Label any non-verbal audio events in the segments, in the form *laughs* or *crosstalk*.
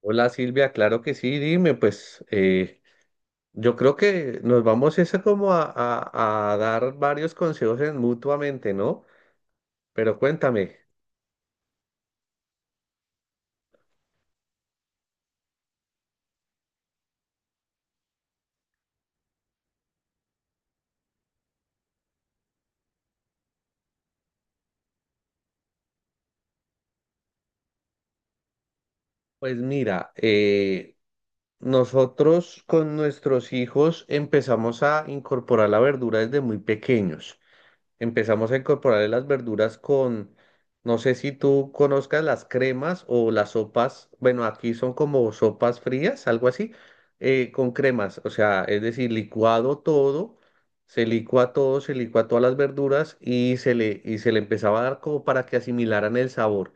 Hola Silvia, claro que sí, dime, pues yo creo que nos vamos ese como a dar varios consejos mutuamente, ¿no? Pero cuéntame, pues mira, nosotros con nuestros hijos empezamos a incorporar la verdura desde muy pequeños. Empezamos a incorporarle las verduras con, no sé si tú conozcas las cremas o las sopas, bueno, aquí son como sopas frías, algo así, con cremas, o sea, es decir, licuado todo, se licua todas las verduras y se le empezaba a dar como para que asimilaran el sabor.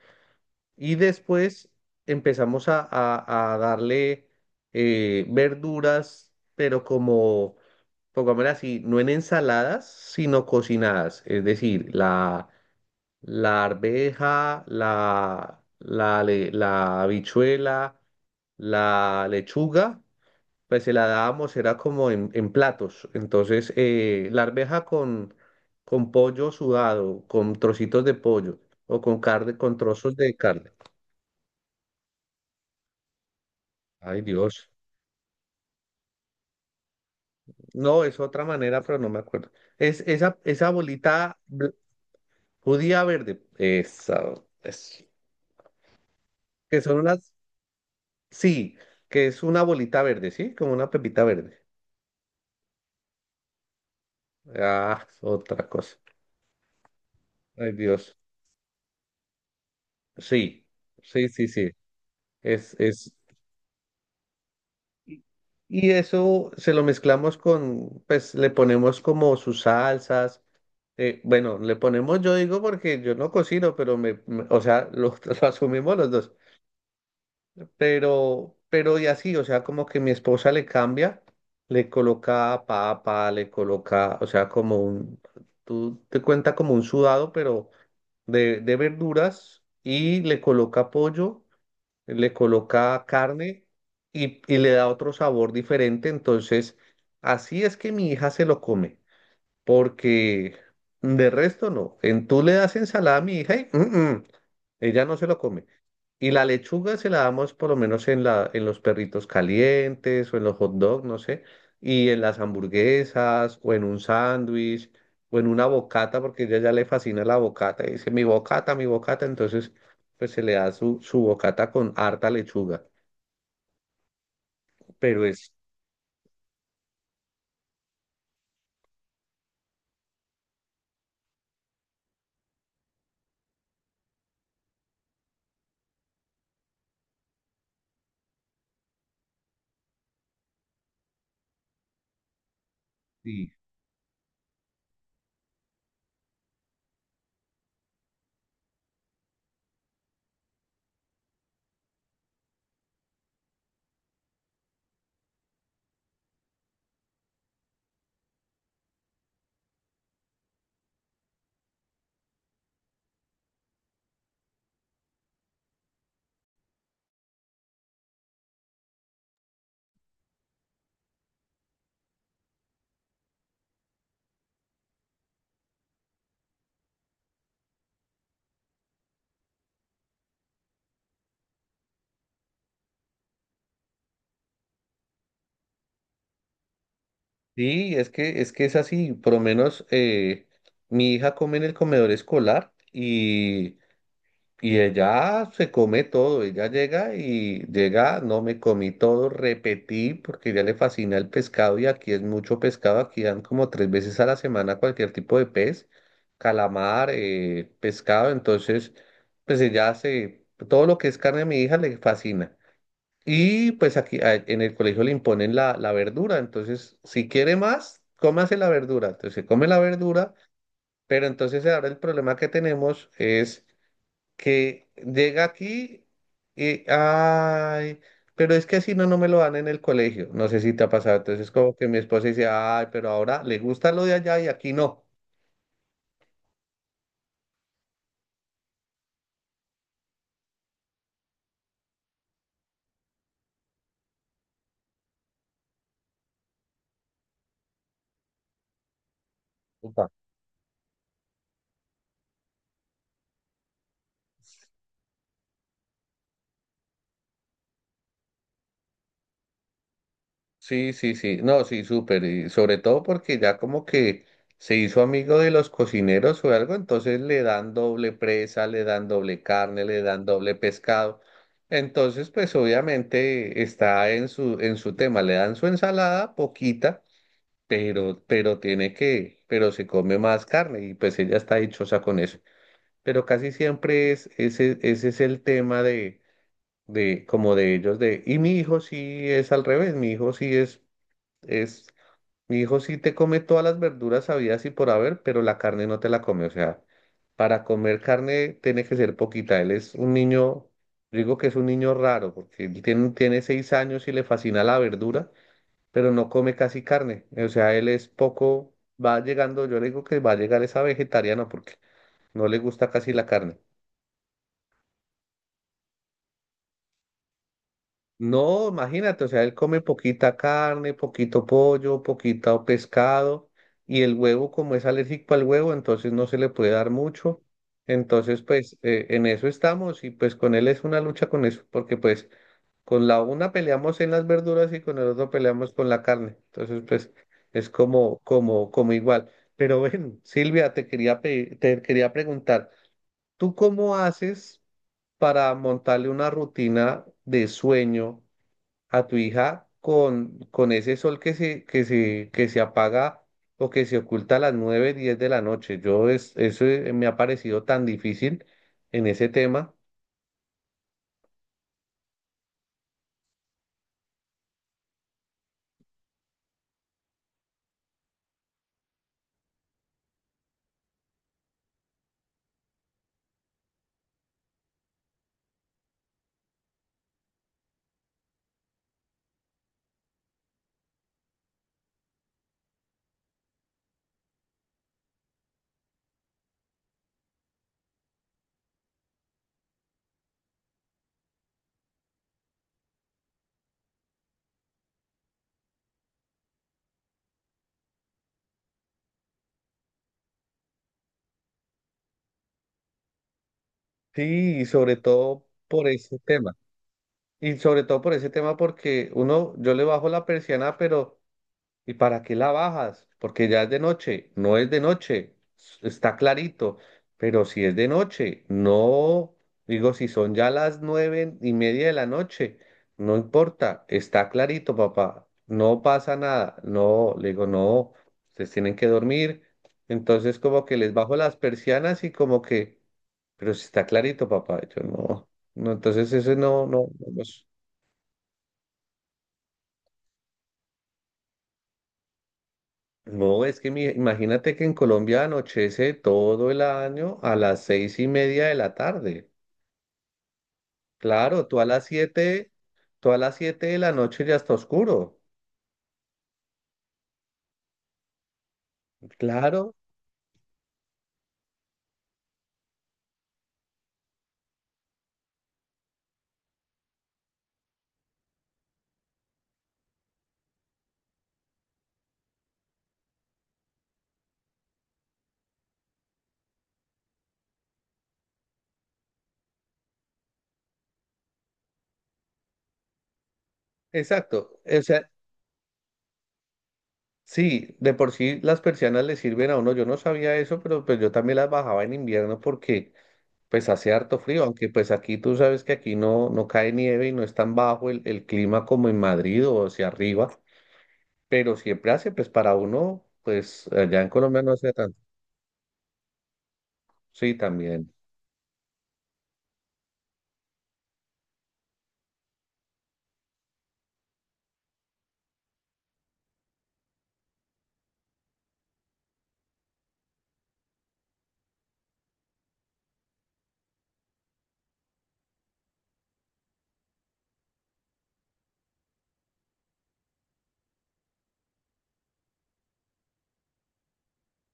Y después empezamos a darle verduras, pero como pongámosla así, no en ensaladas, sino cocinadas. Es decir, la arveja, la habichuela, la lechuga, pues se la dábamos, era como en platos. Entonces, la arveja con pollo sudado, con trocitos de pollo o con carne, con trozos de carne. Ay, Dios. No, es otra manera, pero no me acuerdo. Es esa bolita judía verde. Esa. es- Que son unas, sí, que es una bolita verde, ¿sí? Como una pepita verde. Ah, es otra cosa. Ay, Dios. Sí, sí, sí, sí. Es, es. Y y eso se lo mezclamos con, pues le ponemos como sus salsas. Bueno, le ponemos, yo digo porque yo no cocino, pero o sea, lo, *laughs* lo asumimos los dos. Pero y así, o sea, como que mi esposa le cambia, le coloca papa, le coloca, o sea, como un, tú te cuenta como un sudado, pero de verduras y le coloca pollo, le coloca carne y le da otro sabor diferente. Entonces, así es que mi hija se lo come, porque de resto no. Tú le das ensalada a mi hija y... "Mm, mm". Ella no se lo come. Y la lechuga se la damos por lo menos en los perritos calientes o en los hot dogs, no sé, y en las hamburguesas o en un sándwich o en una bocata, porque ella ya le fascina la bocata y dice, mi bocata, entonces pues se le da su, su bocata con harta lechuga. Pero es, sí, sí, es que, es así, por lo menos mi hija come en el comedor escolar. Y ella se come todo, ella llega y llega, no me comí todo, repetí, porque ya le fascina el pescado y aquí es mucho pescado, aquí dan como tres veces a la semana cualquier tipo de pez, calamar, pescado. Entonces, pues ella hace todo lo que es carne a mi hija le fascina. Y pues aquí en el colegio le imponen la verdura, entonces si quiere más, cómase la verdura, entonces se come la verdura, pero entonces ahora el problema que tenemos es que llega aquí y, ay, pero es que así no, no me lo dan en el colegio. No sé si te ha pasado. Entonces, como que mi esposa dice, ay, pero ahora le gusta lo de allá y aquí no. Upa. Sí, sí, sí. No, sí, súper. Y sobre todo porque ya como que se hizo amigo de los cocineros o algo, entonces le dan doble presa, le dan doble carne, le dan doble pescado. Entonces, pues obviamente está en su tema, le dan su ensalada poquita, pero tiene que, pero se come más carne y pues ella está dichosa con eso. Pero casi siempre es, ese es el tema de, como de ellos, de, y mi hijo sí es al revés, es, mi hijo sí te come todas las verduras habidas y por haber, pero la carne no te la come, o sea, para comer carne tiene que ser poquita, él es un niño, digo que es un niño raro, porque él tiene 6 años y le fascina la verdura, pero no come casi carne. O sea, él es poco, va llegando, yo le digo que va a llegar esa vegetariano porque no le gusta casi la carne. No, imagínate, o sea, él come poquita carne, poquito pollo, poquito pescado, y el huevo, como es alérgico al huevo, entonces no se le puede dar mucho. Entonces, pues en eso estamos y pues con él es una lucha con eso, porque pues con la una peleamos en las verduras y con el otro peleamos con la carne. Entonces, pues es como, como, como igual. Pero ven, *laughs* Silvia, te quería te quería preguntar, ¿tú cómo haces para montarle una rutina de sueño a tu hija con ese sol que se, que se, que se apaga o que se oculta a las 9 10 de la noche? Eso me ha parecido tan difícil en ese tema. Sí, y sobre todo por ese tema. Y sobre todo por ese tema, porque uno, yo le bajo la persiana, pero ¿y para qué la bajas? Porque ya es de noche, no es de noche, está clarito, pero si es de noche, no, digo, si son ya las 9:30 de la noche, no importa, está clarito, papá, no pasa nada, no, le digo, no, ustedes tienen que dormir, entonces como que les bajo las persianas y como que, pero si está clarito, papá, yo no, no, entonces ese no, no, no. No, es que imagínate que en Colombia anochece todo el año a las 6:30 de la tarde. Claro, tú a las siete de la noche ya está oscuro. Claro, exacto. O sea, sí, de por sí las persianas le sirven a uno. Yo no sabía eso, pero pues yo también las bajaba en invierno porque pues hace harto frío, aunque pues aquí tú sabes que aquí no, no cae nieve y no es tan bajo el clima como en Madrid o hacia arriba. Pero siempre hace, pues para uno, pues allá en Colombia no hace tanto. Sí, también.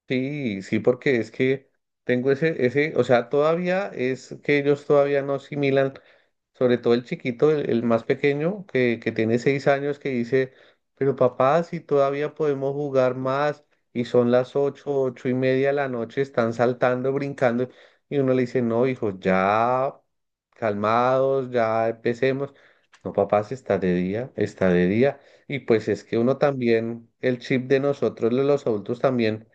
Sí, sí, porque es que tengo o sea, todavía es que ellos todavía no asimilan, sobre todo el chiquito, el más pequeño, que tiene 6 años, que dice, pero papá, si todavía podemos jugar más, y son las 8, 8:30 de la noche, están saltando, brincando, y uno le dice, no, hijo, ya calmados, ya empecemos. No, papá, si está de día, está de día. Y pues es que uno también, el chip de nosotros, de los adultos también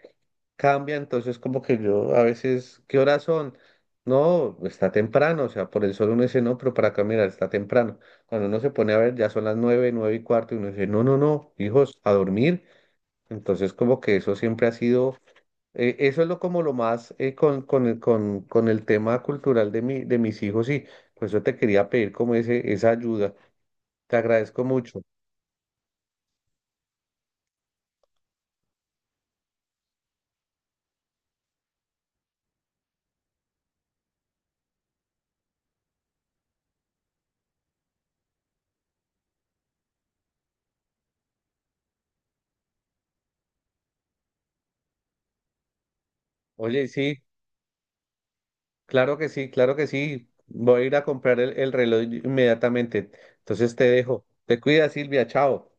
cambia, entonces como que yo a veces, ¿qué horas son? No, está temprano, o sea, por el sol uno dice, no, pero para caminar está temprano. Cuando uno se pone a ver, ya son las 9, 9:15, y uno dice, no, no, no, hijos, a dormir. Entonces como que eso siempre ha sido, eso es lo como lo más con el tema cultural de mis hijos, y por eso te quería pedir como esa ayuda. Te agradezco mucho. Oye, sí. Claro que sí, claro que sí. Voy a ir a comprar el reloj inmediatamente. Entonces te dejo. Te cuida, Silvia. Chao.